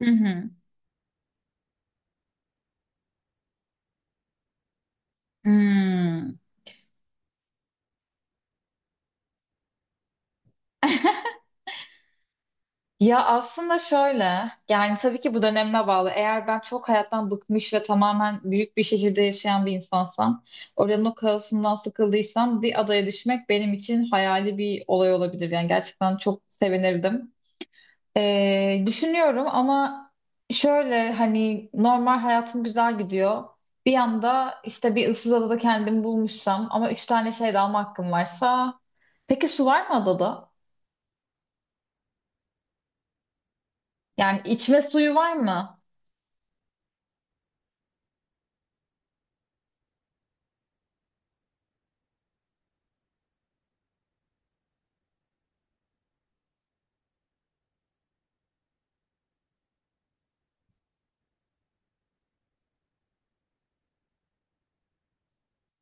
Hı hı. Hmm. Ya aslında şöyle, yani tabii ki bu dönemime bağlı. Eğer ben çok hayattan bıkmış ve tamamen büyük bir şehirde yaşayan bir insansam, oranın o kaosundan sıkıldıysam bir adaya düşmek benim için hayali bir olay olabilir. Yani gerçekten çok sevinirdim. Düşünüyorum ama şöyle hani normal hayatım güzel gidiyor. Bir yanda işte bir ıssız adada kendimi bulmuşsam ama üç tane şey de alma hakkım varsa. Peki su var mı adada? Yani içme suyu var mı?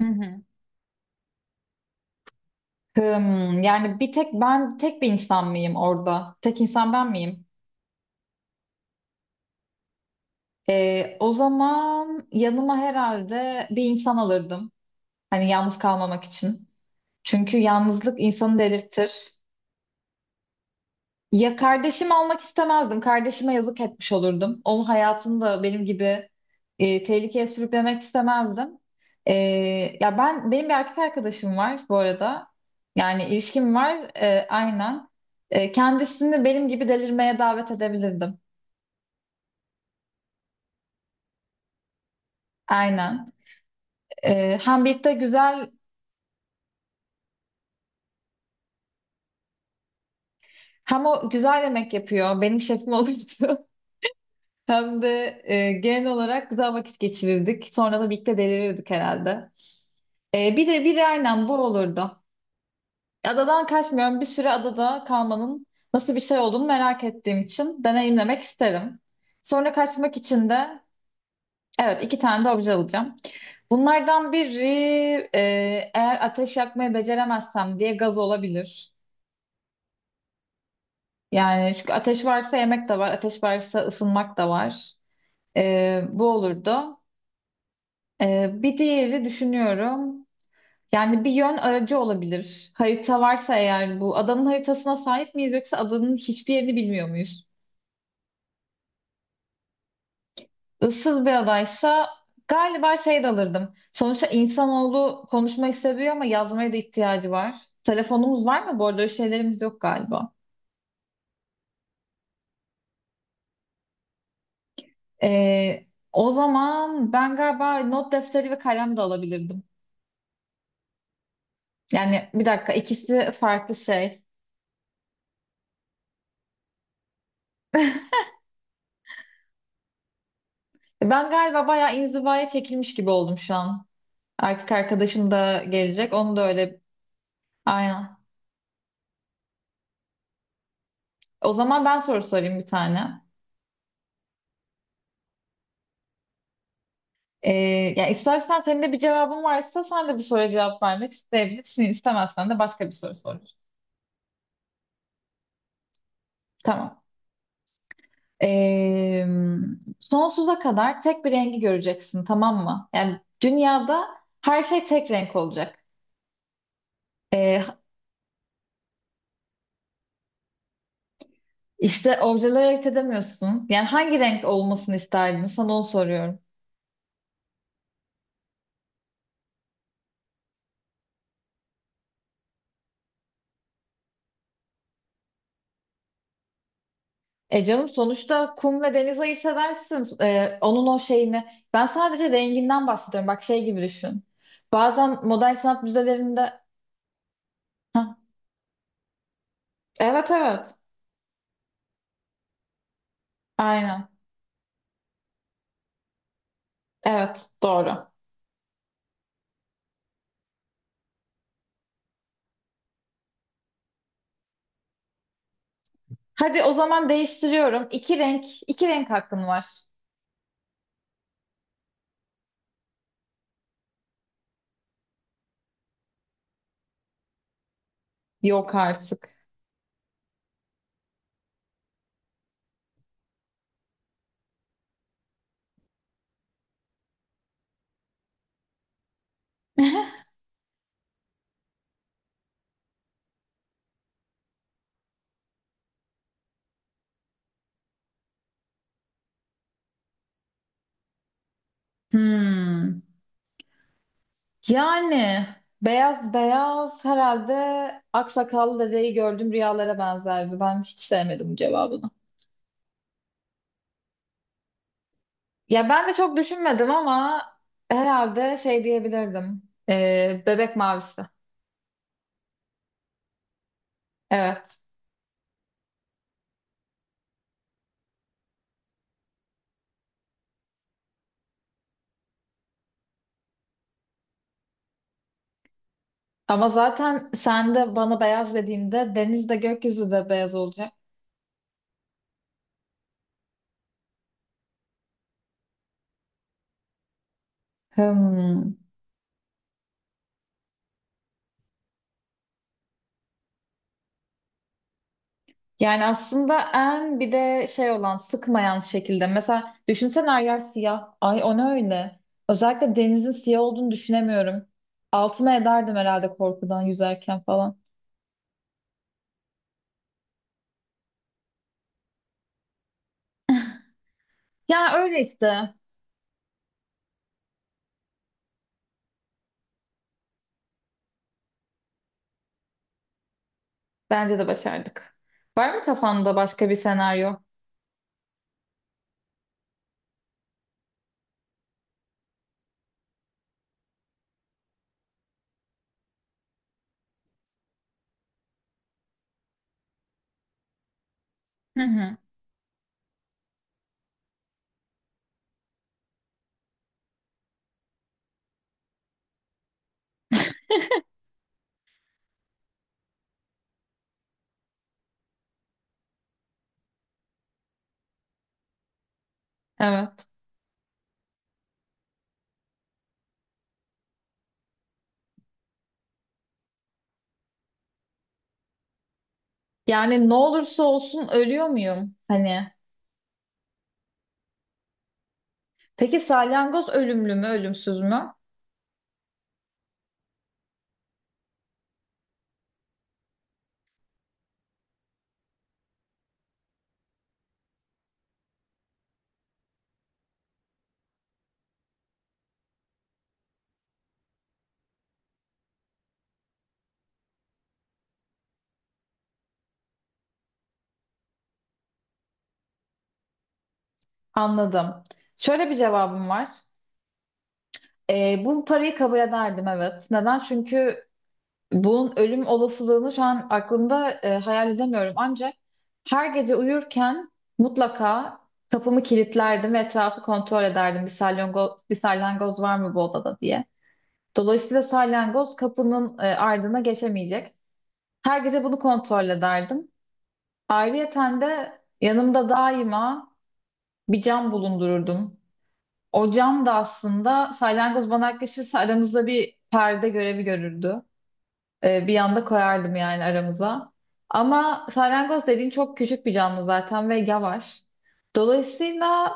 Hı hı. Yani bir tek ben tek bir insan mıyım orada? Tek insan ben miyim? O zaman yanıma herhalde bir insan alırdım. Hani yalnız kalmamak için. Çünkü yalnızlık insanı delirtir. Ya kardeşim almak istemezdim. Kardeşime yazık etmiş olurdum. Onun hayatını da benim gibi tehlikeye sürüklemek istemezdim. E, ya benim bir erkek arkadaşım var bu arada. Yani ilişkim var aynen. Kendisini benim gibi delirmeye davet edebilirdim. Aynen. Hem birlikte güzel hem o güzel yemek yapıyor. Benim şefim olurdu. Hem de genel olarak güzel vakit geçirirdik. Sonra da birlikte delirirdik herhalde. Bir de aynen bu olurdu. Adadan kaçmıyorum. Bir süre adada kalmanın nasıl bir şey olduğunu merak ettiğim için deneyimlemek isterim. Sonra kaçmak için de evet iki tane de obje alacağım. Bunlardan biri e, eğer ateş yakmayı beceremezsem diye gaz olabilir. Yani çünkü ateş varsa yemek de var, ateş varsa ısınmak da var. Bu olurdu. Bir diğeri düşünüyorum. Yani bir yön aracı olabilir. Harita varsa eğer bu adanın haritasına sahip miyiz yoksa adanın hiçbir yerini bilmiyor muyuz? Issız bir adaysa galiba şey de alırdım. Sonuçta insanoğlu konuşmayı seviyor ama yazmaya da ihtiyacı var. Telefonumuz var mı? Bu arada öyle şeylerimiz yok galiba. Ee, o zaman ben galiba not defteri ve kalem de alabilirdim. Yani bir dakika ikisi farklı şey. Ben galiba bayağı inzivaya çekilmiş gibi oldum şu an. Erkek arkadaşım da gelecek. Onu da öyle aynen. O zaman ben soru sorayım bir tane. Ee, ya istersen senin de bir cevabın varsa sen de bu soruya cevap vermek isteyebilirsin. İstemezsen de başka bir soru sor. Tamam. Ee, sonsuza kadar tek bir rengi göreceksin, tamam mı? Yani dünyada her şey tek renk olacak. Ee, işte objeleri ayırt edemiyorsun. Yani hangi renk olmasını isterdin? Sana onu soruyorum. Canım sonuçta kum ve deniz ayırt edersin. Onun o şeyini. Ben sadece renginden bahsediyorum. Bak şey gibi düşün. Bazen modern sanat müzelerinde... Hah, evet evet. Aynen. Evet doğru. Hadi o zaman değiştiriyorum. İki renk, iki renk hakkın var. Yok artık. Hmm. Yani beyaz beyaz herhalde aksakallı dedeyi gördüm rüyalara benzerdi. Ben hiç sevmedim bu cevabını. Ya ben de çok düşünmedim ama herhalde şey diyebilirdim. Bebek mavisi. Evet. Ama zaten sen de bana beyaz dediğinde deniz de gökyüzü de beyaz olacak. Hmm. Yani aslında en bir de şey olan sıkmayan şekilde. Mesela düşünsene her yer siyah. Ay o ne öyle? Özellikle denizin siyah olduğunu düşünemiyorum. Altıma ederdim herhalde korkudan yüzerken falan. Ya öyle işte. Bence de başardık. Var mı kafanda başka bir senaryo? Hı hı. Evet. Yani ne olursa olsun ölüyor muyum? Hani. Peki salyangoz ölümlü mü, ölümsüz mü? Anladım. Şöyle bir cevabım var. Bu parayı kabul ederdim evet. Neden? Çünkü bunun ölüm olasılığını şu an aklımda hayal edemiyorum. Ancak her gece uyurken mutlaka kapımı kilitlerdim ve etrafı kontrol ederdim. Bir salyangoz var mı bu odada diye. Dolayısıyla salyangoz kapının ardına geçemeyecek. Her gece bunu kontrol ederdim. Ayrıyeten de yanımda daima bir cam bulundururdum. O cam da aslında salyangoz bana yaklaşırsa aramızda bir perde görevi görürdü. Bir yanda koyardım yani aramıza. Ama salyangoz dediğin çok küçük bir canlı zaten ve yavaş. Dolayısıyla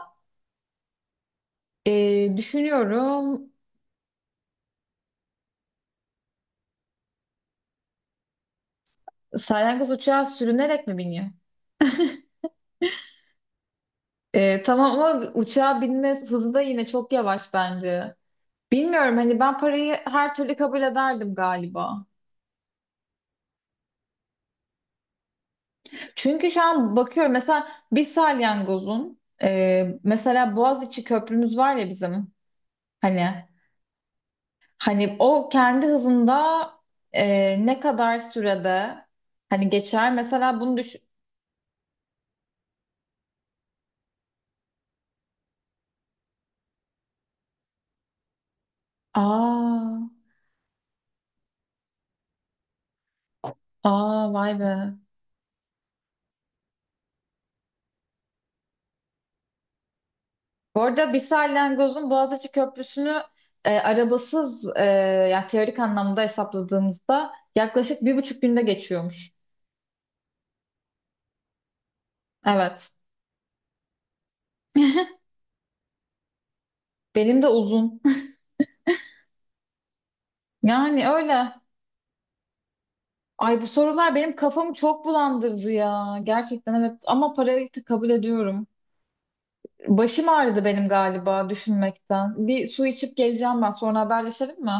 düşünüyorum salyangoz uçağa sürünerek mi biniyor? Tamam ama uçağa binme hızı da yine çok yavaş bence. Bilmiyorum hani ben parayı her türlü kabul ederdim galiba. Çünkü şu an bakıyorum mesela bir salyangozun mesela Boğaziçi Köprümüz var ya bizim hani hani o kendi hızında ne kadar sürede hani geçer mesela bunu aa aa vay be. Bu arada bir salyangozun Boğaziçi Köprüsü'nü arabasız yani teorik anlamda hesapladığımızda yaklaşık bir buçuk günde geçiyormuş. Evet. Benim de uzun. Yani öyle. Ay bu sorular benim kafamı çok bulandırdı ya. Gerçekten evet ama parayı da kabul ediyorum. Başım ağrıdı benim galiba düşünmekten. Bir su içip geleceğim ben. Sonra haberleşelim mi?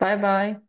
Bay bay.